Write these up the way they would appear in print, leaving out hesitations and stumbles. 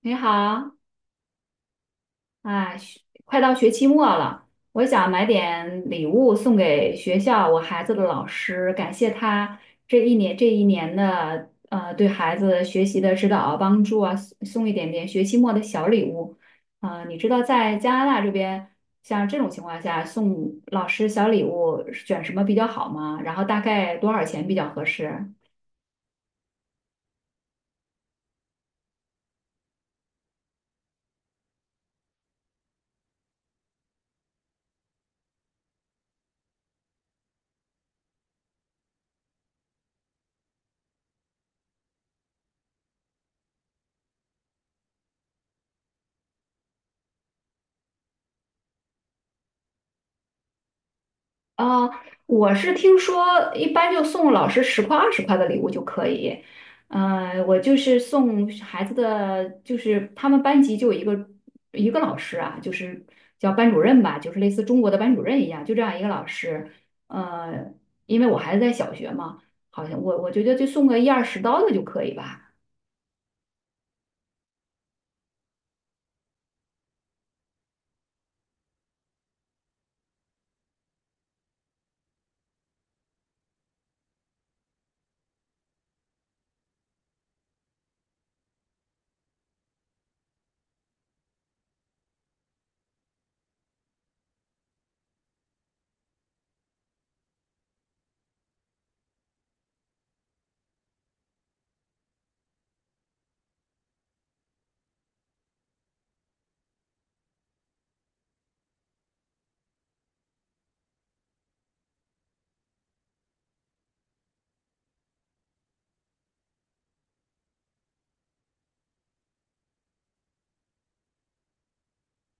你好，啊，快到学期末了。我想买点礼物送给学校我孩子的老师，感谢他这一年的对孩子学习的指导啊帮助啊，送一点点学期末的小礼物。啊、你知道在加拿大这边，像这种情况下送老师小礼物选什么比较好吗？然后大概多少钱比较合适？啊，我是听说一般就送老师10块20块的礼物就可以。我就是送孩子的，就是他们班级就有一个老师啊，就是叫班主任吧，就是类似中国的班主任一样，就这样一个老师。呃，因为我孩子在小学嘛，好像我觉得就送个一二十刀的就可以吧。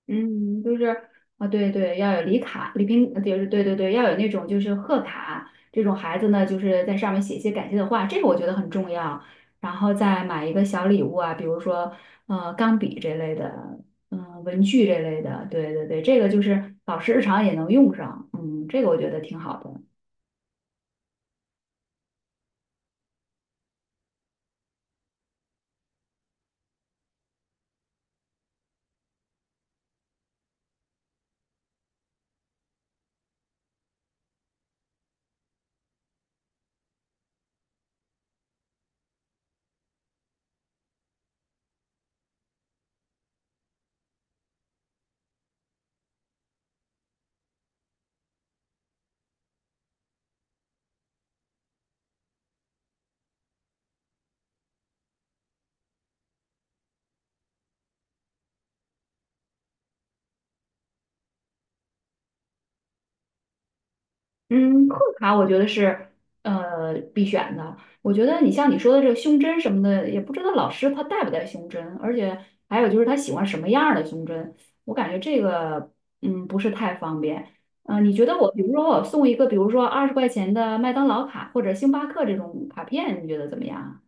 嗯，就是啊，对对，要有礼卡、礼品，就是对对对，要有那种就是贺卡，这种孩子呢，就是在上面写一些感谢的话，这个我觉得很重要。然后再买一个小礼物啊，比如说钢笔这类的，嗯、文具这类的，对对对，这个就是老师日常也能用上，嗯，这个我觉得挺好的。嗯，贺卡我觉得是必选的。我觉得你像你说的这个胸针什么的，也不知道老师他带不带胸针，而且还有就是他喜欢什么样儿的胸针，我感觉这个不是太方便。嗯、你觉得我比如说我送一个，比如说20块钱的麦当劳卡或者星巴克这种卡片，你觉得怎么样啊？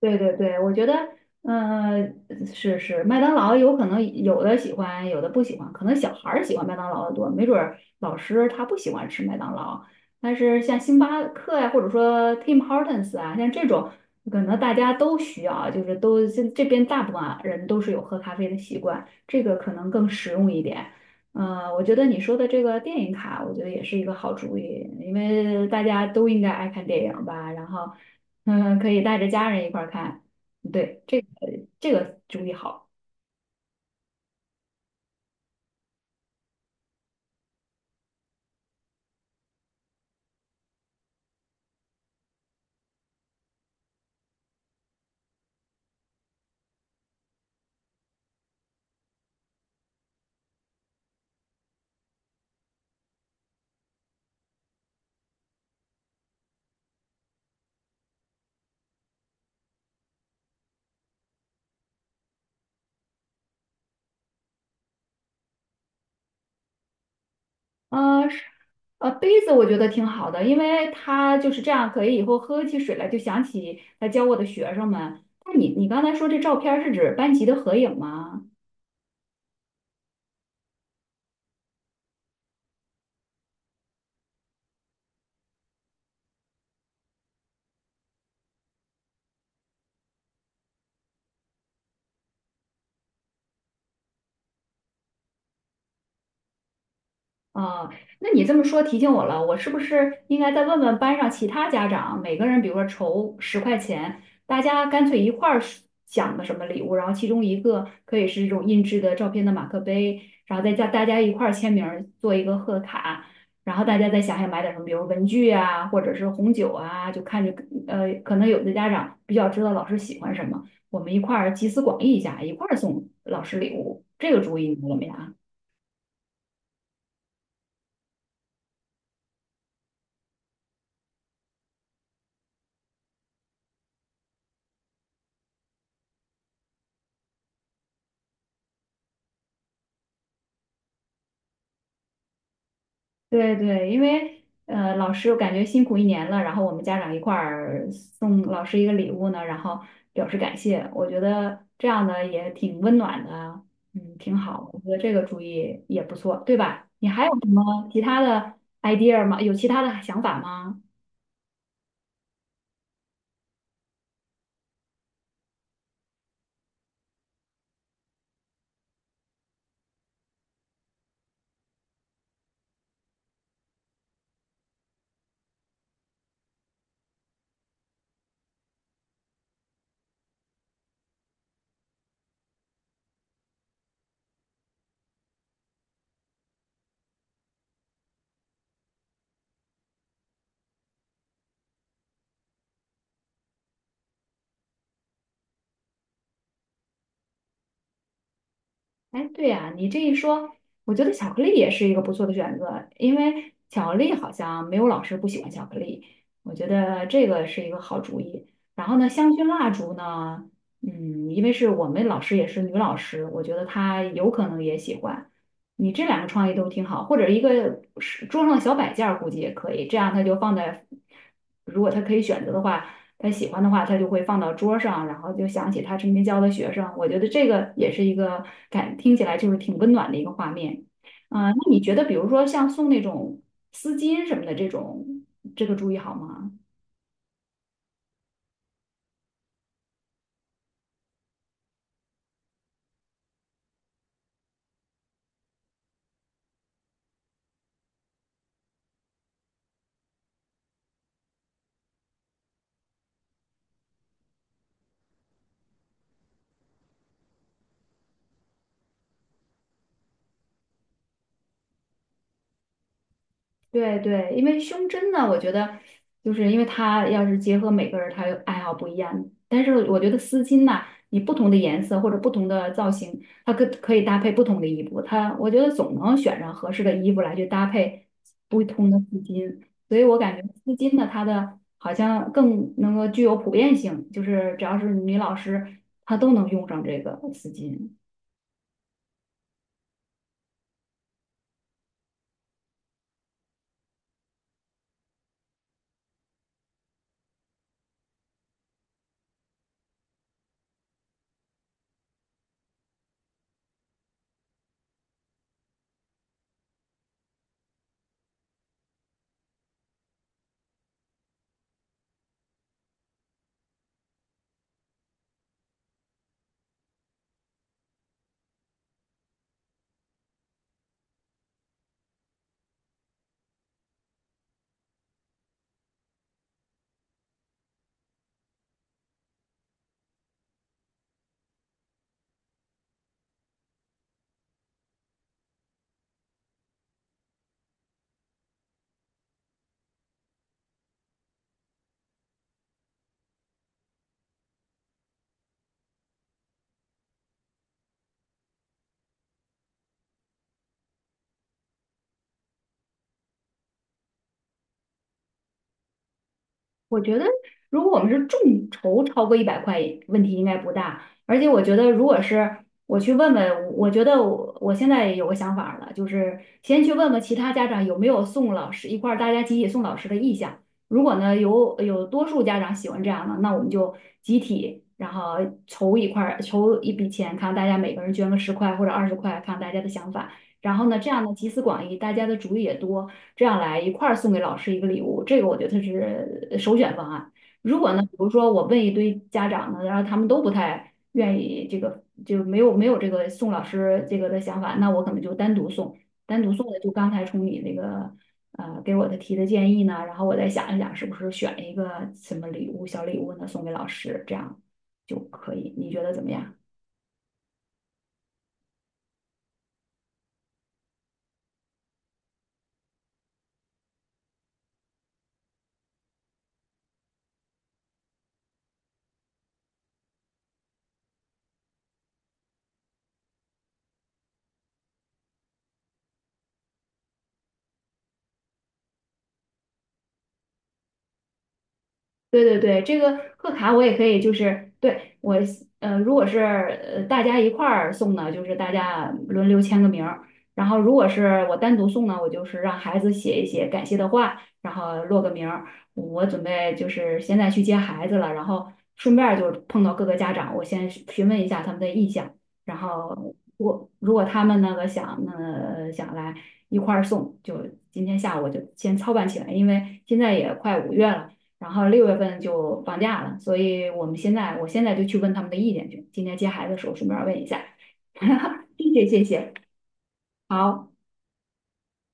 对对对，我觉得，嗯、是是，麦当劳有可能有的喜欢，有的不喜欢，可能小孩儿喜欢麦当劳的多，没准儿老师他不喜欢吃麦当劳。但是像星巴克呀、或者说 Tim Hortons 啊，像这种，可能大家都需要，就是都这边大部分啊人都是有喝咖啡的习惯，这个可能更实用一点。嗯、我觉得你说的这个电影卡，我觉得也是一个好主意，因为大家都应该爱看电影吧，然后。嗯，可以带着家人一块儿看。对，这个主意好。是，杯子我觉得挺好的，因为它就是这样，可以以后喝起水来就想起来教我的学生们。那你刚才说这照片儿是指班级的合影吗？啊，那你这么说提醒我了，我是不是应该再问问班上其他家长，每个人比如说筹十块钱，大家干脆一块儿是想个什么礼物，然后其中一个可以是这种印制的照片的马克杯，然后再加大家一块儿签名儿做一个贺卡，然后大家再想想买点什么，比如文具啊，或者是红酒啊，就看着可能有的家长比较知道老师喜欢什么，我们一块儿集思广益一下，一块儿送老师礼物，这个主意你怎么样？对对，因为老师我感觉辛苦一年了，然后我们家长一块儿送老师一个礼物呢，然后表示感谢，我觉得这样的也挺温暖的，嗯，挺好，我觉得这个主意也不错，对吧？你还有什么其他的 idea 吗？有其他的想法吗？哎，对呀，你这一说，我觉得巧克力也是一个不错的选择，因为巧克力好像没有老师不喜欢巧克力，我觉得这个是一个好主意。然后呢，香薰蜡烛呢，嗯，因为是我们老师也是女老师，我觉得她有可能也喜欢。你这两个创意都挺好，或者一个是桌上的小摆件儿估计也可以，这样他就放在，如果他可以选择的话。他喜欢的话，他就会放到桌上，然后就想起他曾经教的学生。我觉得这个也是一个感，听起来就是挺温暖的一个画面。啊、那你觉得，比如说像送那种丝巾什么的这种，这个主意好吗？对对，因为胸针呢，我觉得就是因为它要是结合每个人，他有爱好不一样。但是我觉得丝巾呐、你不同的颜色或者不同的造型，它可以搭配不同的衣服。它我觉得总能选上合适的衣服来去搭配不同的丝巾。所以我感觉丝巾呢，它的好像更能够具有普遍性，就是只要是女老师，她都能用上这个丝巾。我觉得，如果我们是众筹超过100块，问题应该不大。而且我觉得，如果是我去问问，我觉得我现在有个想法儿了，就是先去问问其他家长有没有送老师一块儿大家集体送老师的意向。如果呢有多数家长喜欢这样的，那我们就集体然后筹一块儿筹一笔钱，看大家每个人捐个十块或者二十块，看大家的想法。然后呢，这样呢集思广益，大家的主意也多，这样来一块儿送给老师一个礼物，这个我觉得是首选方案。如果呢，比如说我问一堆家长呢，然后他们都不太愿意这个，就没有没有这个送老师这个的想法，那我可能就单独送，单独送的就刚才从你那个给我的提的建议呢，然后我再想一想是不是选一个什么礼物小礼物呢送给老师，这样就可以，你觉得怎么样？对对对，这个贺卡我也可以，就是对我如果是大家一块儿送呢，就是大家轮流签个名儿；然后如果是我单独送呢，我就是让孩子写一写感谢的话，然后落个名儿。我准备就是现在去接孩子了，然后顺便儿就碰到各个家长，我先询问一下他们的意向，然后我如果他们那个想来一块儿送，就今天下午我就先操办起来，因为现在也快5月了。然后6月份就放假了，所以我现在就去问他们的意见去。今天接孩子的时候顺便问一下，谢谢谢谢，好，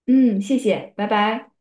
嗯，谢谢，拜拜。